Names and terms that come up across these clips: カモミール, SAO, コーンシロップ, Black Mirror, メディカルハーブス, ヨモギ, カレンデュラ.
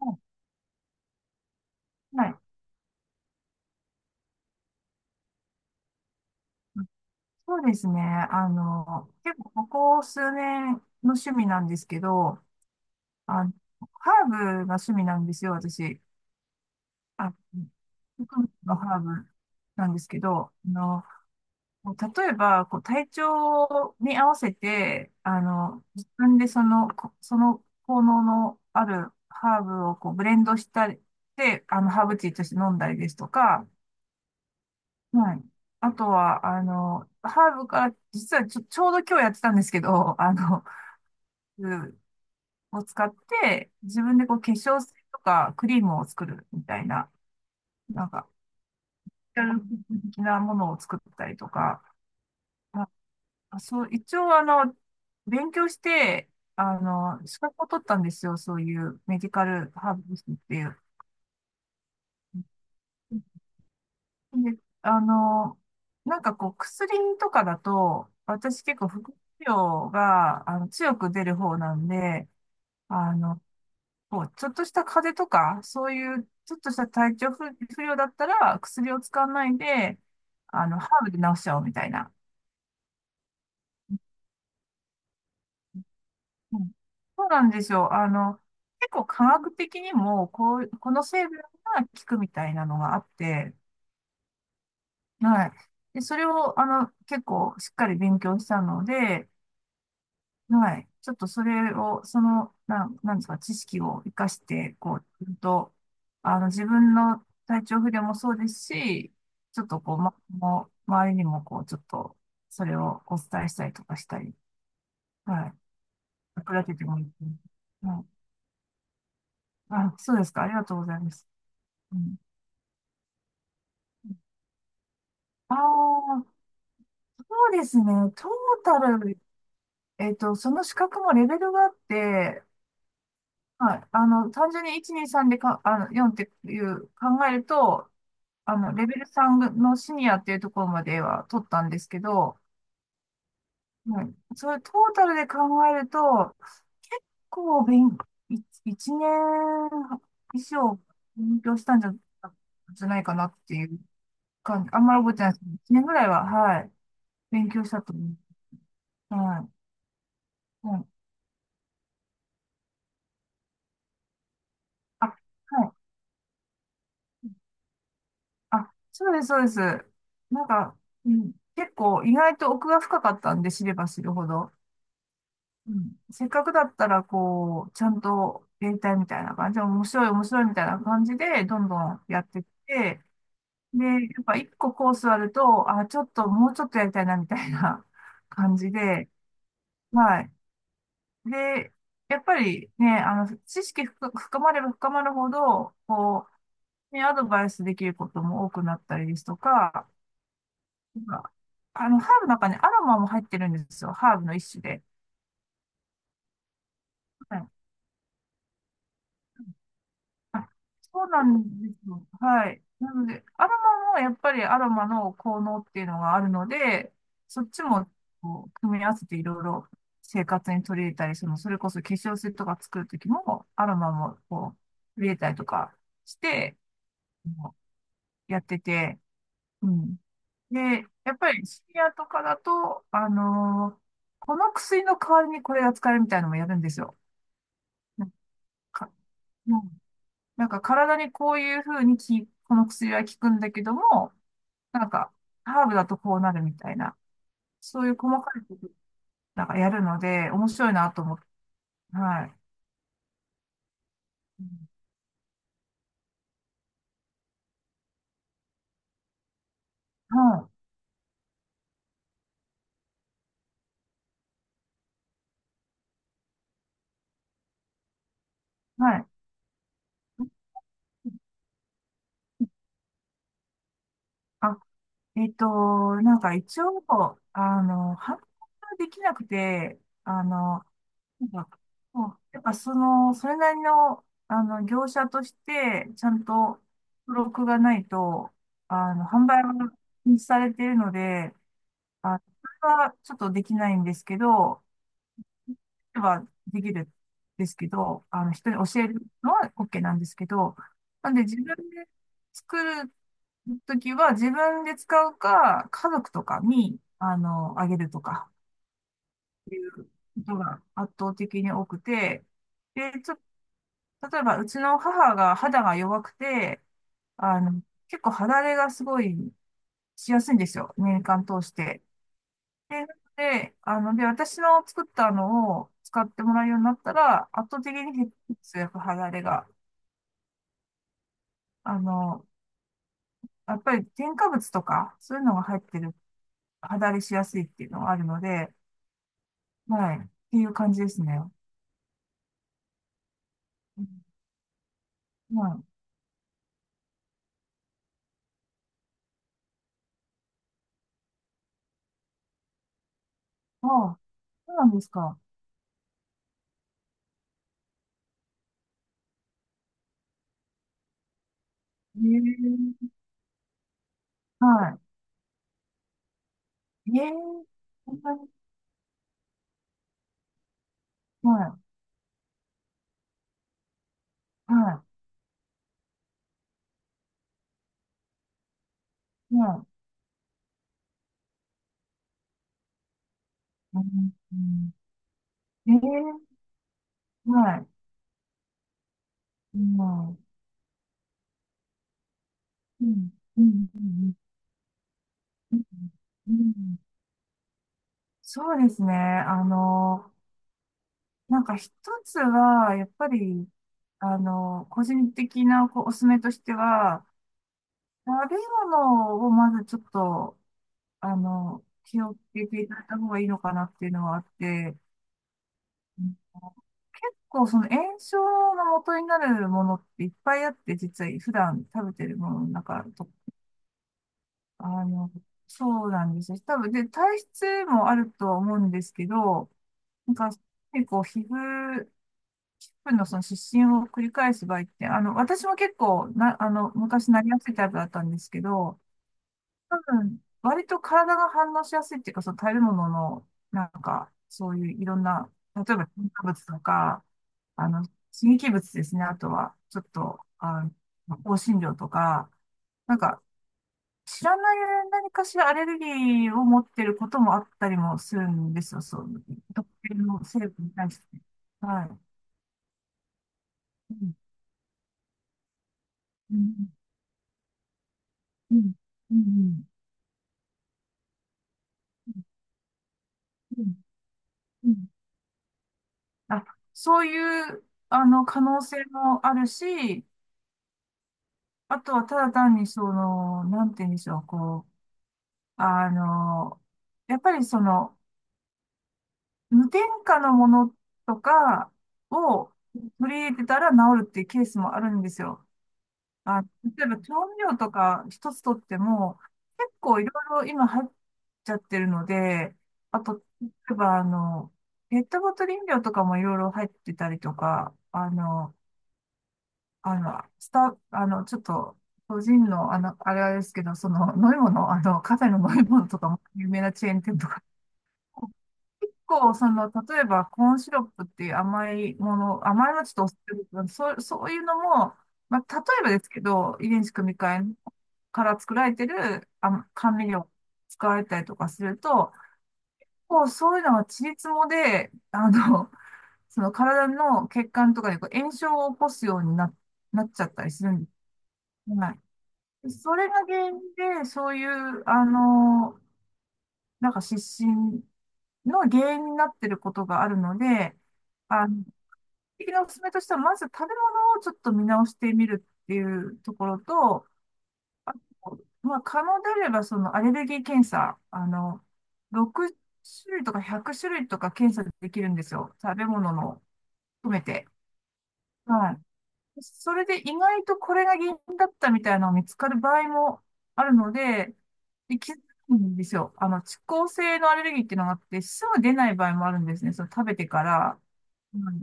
はい。そうですね。結構ここ数年の趣味なんですけど、あの、ハーブが趣味なんですよ、私。あ、植物のハーブなんですけど、例えば、こう、体調に合わせて、自分でその、こその効能のあるハーブをこうブレンドしたり、で、ハーブティーとして飲んだりですとか、はい。あとは、ハーブから、実はちょうど今日やってたんですけど、うんを使って、自分でこう化粧水とかクリームを作るみたいな、なんか、ケミル的なものを作ったりとか、まあ、そう、一応勉強して、資格を取ったんですよ、そういうメディカルハーブスっていう。で、あの、なんかこう、薬とかだと、私結構副作用が、強く出る方なんで、あの、こう、ちょっとした風邪とか、そういう、ちょっとした体調不、不良だったら、薬を使わないで、ハーブで治しちゃおうみたいな。うん、そうなんですよ。結構科学的にも、こう、この成分が効くみたいなのがあって、はい。で、それを、結構しっかり勉強したので、はい。ちょっとそれを、その、なんですか、知識を活かして、こう、ちゃんと、自分の体調不良もそうですし、ちょっとこう、ま、もう周りにも、こう、ちょっと、それをお伝えしたりとかしたり、はい。役立ててもいいと思う。はい。あ、そうですか。ありがとうございます。うん。ああ、そうですね。トータル、その資格もレベルがあって、はい。単純に1、2、3でか、4っていう考えると、レベル3のシニアっていうところまでは取ったんですけど、はい、それトータルで考えると、結構勉、い1年以上勉強したんじゃ、じゃないかなっていう感じ。あんまり覚えてないですけど、1年ぐらいは、はい、勉強したと思う。はい。はい。あ、はい。あ、そうです、そうです。なんか、うん、結構意外と奥が深かったんで、知れば知るほど。うん、せっかくだったら、こう、ちゃんとやりたいみたいな感じ、面白い、面白いみたいな感じで、どんどんやってって、で、やっぱ1個コースあると、あ、ちょっと、もうちょっとやりたいな、みたいな 感じで、はい。で、やっぱりね、知識深深まれば深まるほど、こう、ね、アドバイスできることも多くなったりですとか、なんかハーブの中にアロマも入ってるんですよ。ハーブの1種で。あ、そうなんですよ。はい。なので、アロマもやっぱりアロマの効能っていうのがあるので、そっちもこう組み合わせていろいろ生活に取り入れたり、その、それこそ化粧水とか作るときも、アロマもこう、入れたりとかして、もうやってて、うん。で、やっぱりシニアとかだと、この薬の代わりにこれが使えるみたいなのもやるんですよ。なんか、うん、体にこういう風にこの薬は効くんだけども、なんか、ハーブだとこうなるみたいな、そういう細かいこと、なんかやるので、面白いなと思って、はい。うん、はい。はい。あ、なんか一応、反応ができなくて、なんか、こうやっぱその、それなりの、業者として、ちゃんと登録がないと、販売は禁止されているので、あ、それはちょっとできないんですけど、はできるんですけど、人に教えるのは OK なんですけど、なんで自分で作るときは自分で使うか、家族とかに、あげるとか、ことが圧倒的に多くて、で、ちょ、例えばうちの母が肌が弱くて、あの、結構肌荒れがすごいしやすいんですよ。年間通して。で、で、私の作ったのを使ってもらうようになったら、圧倒的に血液肌荒れが、あの、やっぱり添加物とか、そういうのが入ってる、肌荒れしやすいっていうのがあるので、はい、っていう感じですね。うん、はい。ああ、そうなんですか。ええ、はい。ええ、そんなに、はい、はい、はい。うん、うん、ええ、はい。うん、うん、うん、うん、うん。うん、そうですね。なんか一つは、やっぱり、個人的なこうおすすめとしては、食べ物をまずちょっと、気をつけていただいた方がいいのかなっていうのはあって、結構その炎症の元になるものっていっぱいあって、実は普段食べてるものの中と、あの、そうなんですよ。多分、で、体質もあるとは思うんですけど、なんか、結構皮膚分のその失神を繰り返す場合って、私も結構な、昔なりやすいタイプだったんですけど、多分、割と体が反応しやすいっていうか、その食べ物の、なんか、そういういろんな、例えば、添加物とか、刺激物ですね。あとは、ちょっと、香辛料とか、なんか、知らない何かしらアレルギーを持ってることもあったりもするんですよ。そう、特定の成分に対して。はい。うん、うん、うん、うん、うん。あ、そういう、可能性もあるし、あとはただ単にその、なんて言うんでしょう、こう、あの、やっぱりその、無添加のものとかを取り入れてたら治るっていうケースもあるんですよ。あ、例えば調味料とか一つとっても、結構いろいろ今入っちゃってるので、あと、例えばペットボトル飲料とかもいろいろ入ってたりとか、あの、あの、スタ、あの、ちょっと、個人の、あれですけど、その、飲み物、カフェの飲み物とかも有名なチェーン店とか結構、その、例えば、コーンシロップっていう甘いもの、甘いのちょっとお酢ってことなんでそう、そういうのも、まあ、例えばですけど、遺伝子組み換えから作られてるあ甘味料使われたりとかすると、こうそういうのはちりつもで、その体の血管とかでこう炎症を起こすようにな、なっちゃったりするんです。はい。それが原因で、そういう、なんか失神の原因になっていることがあるので、あの、基本的なおすすめとしては、まず食べ物をちょっと見直してみるっていうところと、まあ、可能であれば、そのアレルギー検査、6種類とか100種類とか検査できるんですよ。食べ物の含めて。はい、それで意外とこれが原因だったみたいなのが見つかる場合もあるので、で、気づくんですよ。遅効性のアレルギーっていうのがあって、すぐ出ない場合もあるんですね。その食べてから。うん。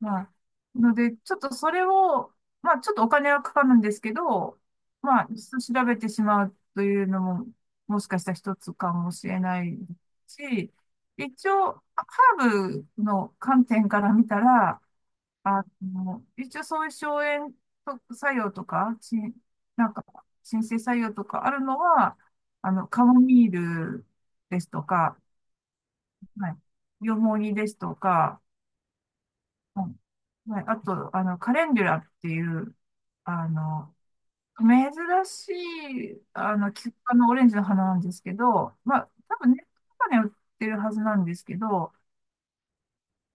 まあ、ので、ちょっとそれを、まあ、ちょっとお金はかかるんですけど、まあ、1度調べてしまうというのも、もしかしたら一つかもしれないし、一応、ハーブの観点から見たら、一応そういう荘園作用とか、し、なんか、申請作用とかあるのは、カモミールですとか、はい、ヨモギですとか、はい、はい、あと、カレンデュラっていう、あの、珍しい、キク科のオレンジの花なんですけど、まあ、多分ネットとかで売ってるはずなんですけど、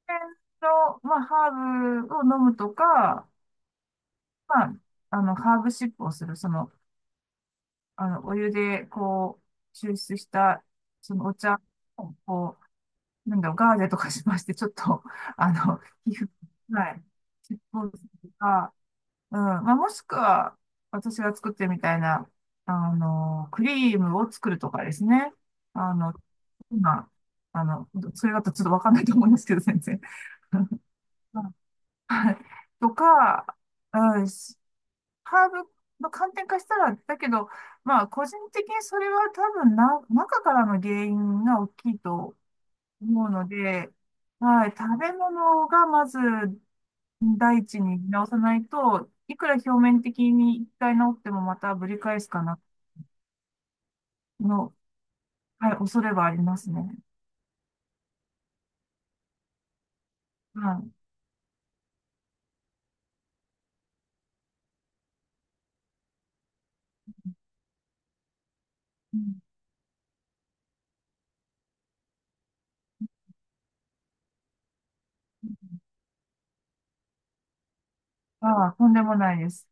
天然の、まあ、ハーブを飲むとか、まあ、ハーブシップをする、その、お湯で、こう、抽出した、そのお茶を、こう、なんだろう、ガーゼとかしまして、ちょっと、あの、皮膚、はい、シップをするとか、うん、まあ、もしくは、私が作ってるみたいな、クリームを作るとかですね。あの、今、あの、それだとちょっとわかんないと思いますけど、先生。はい、とか、うん、ハーブの観点化したら、だけど、まあ、個人的にそれは多分な、中からの原因が大きいと思うので、はい、食べ物がまず第1に直さないと、いくら表面的に1回治ってもまたぶり返すかな、の、はい、恐れはありますね。はい。うん、ああ、とんでもないです。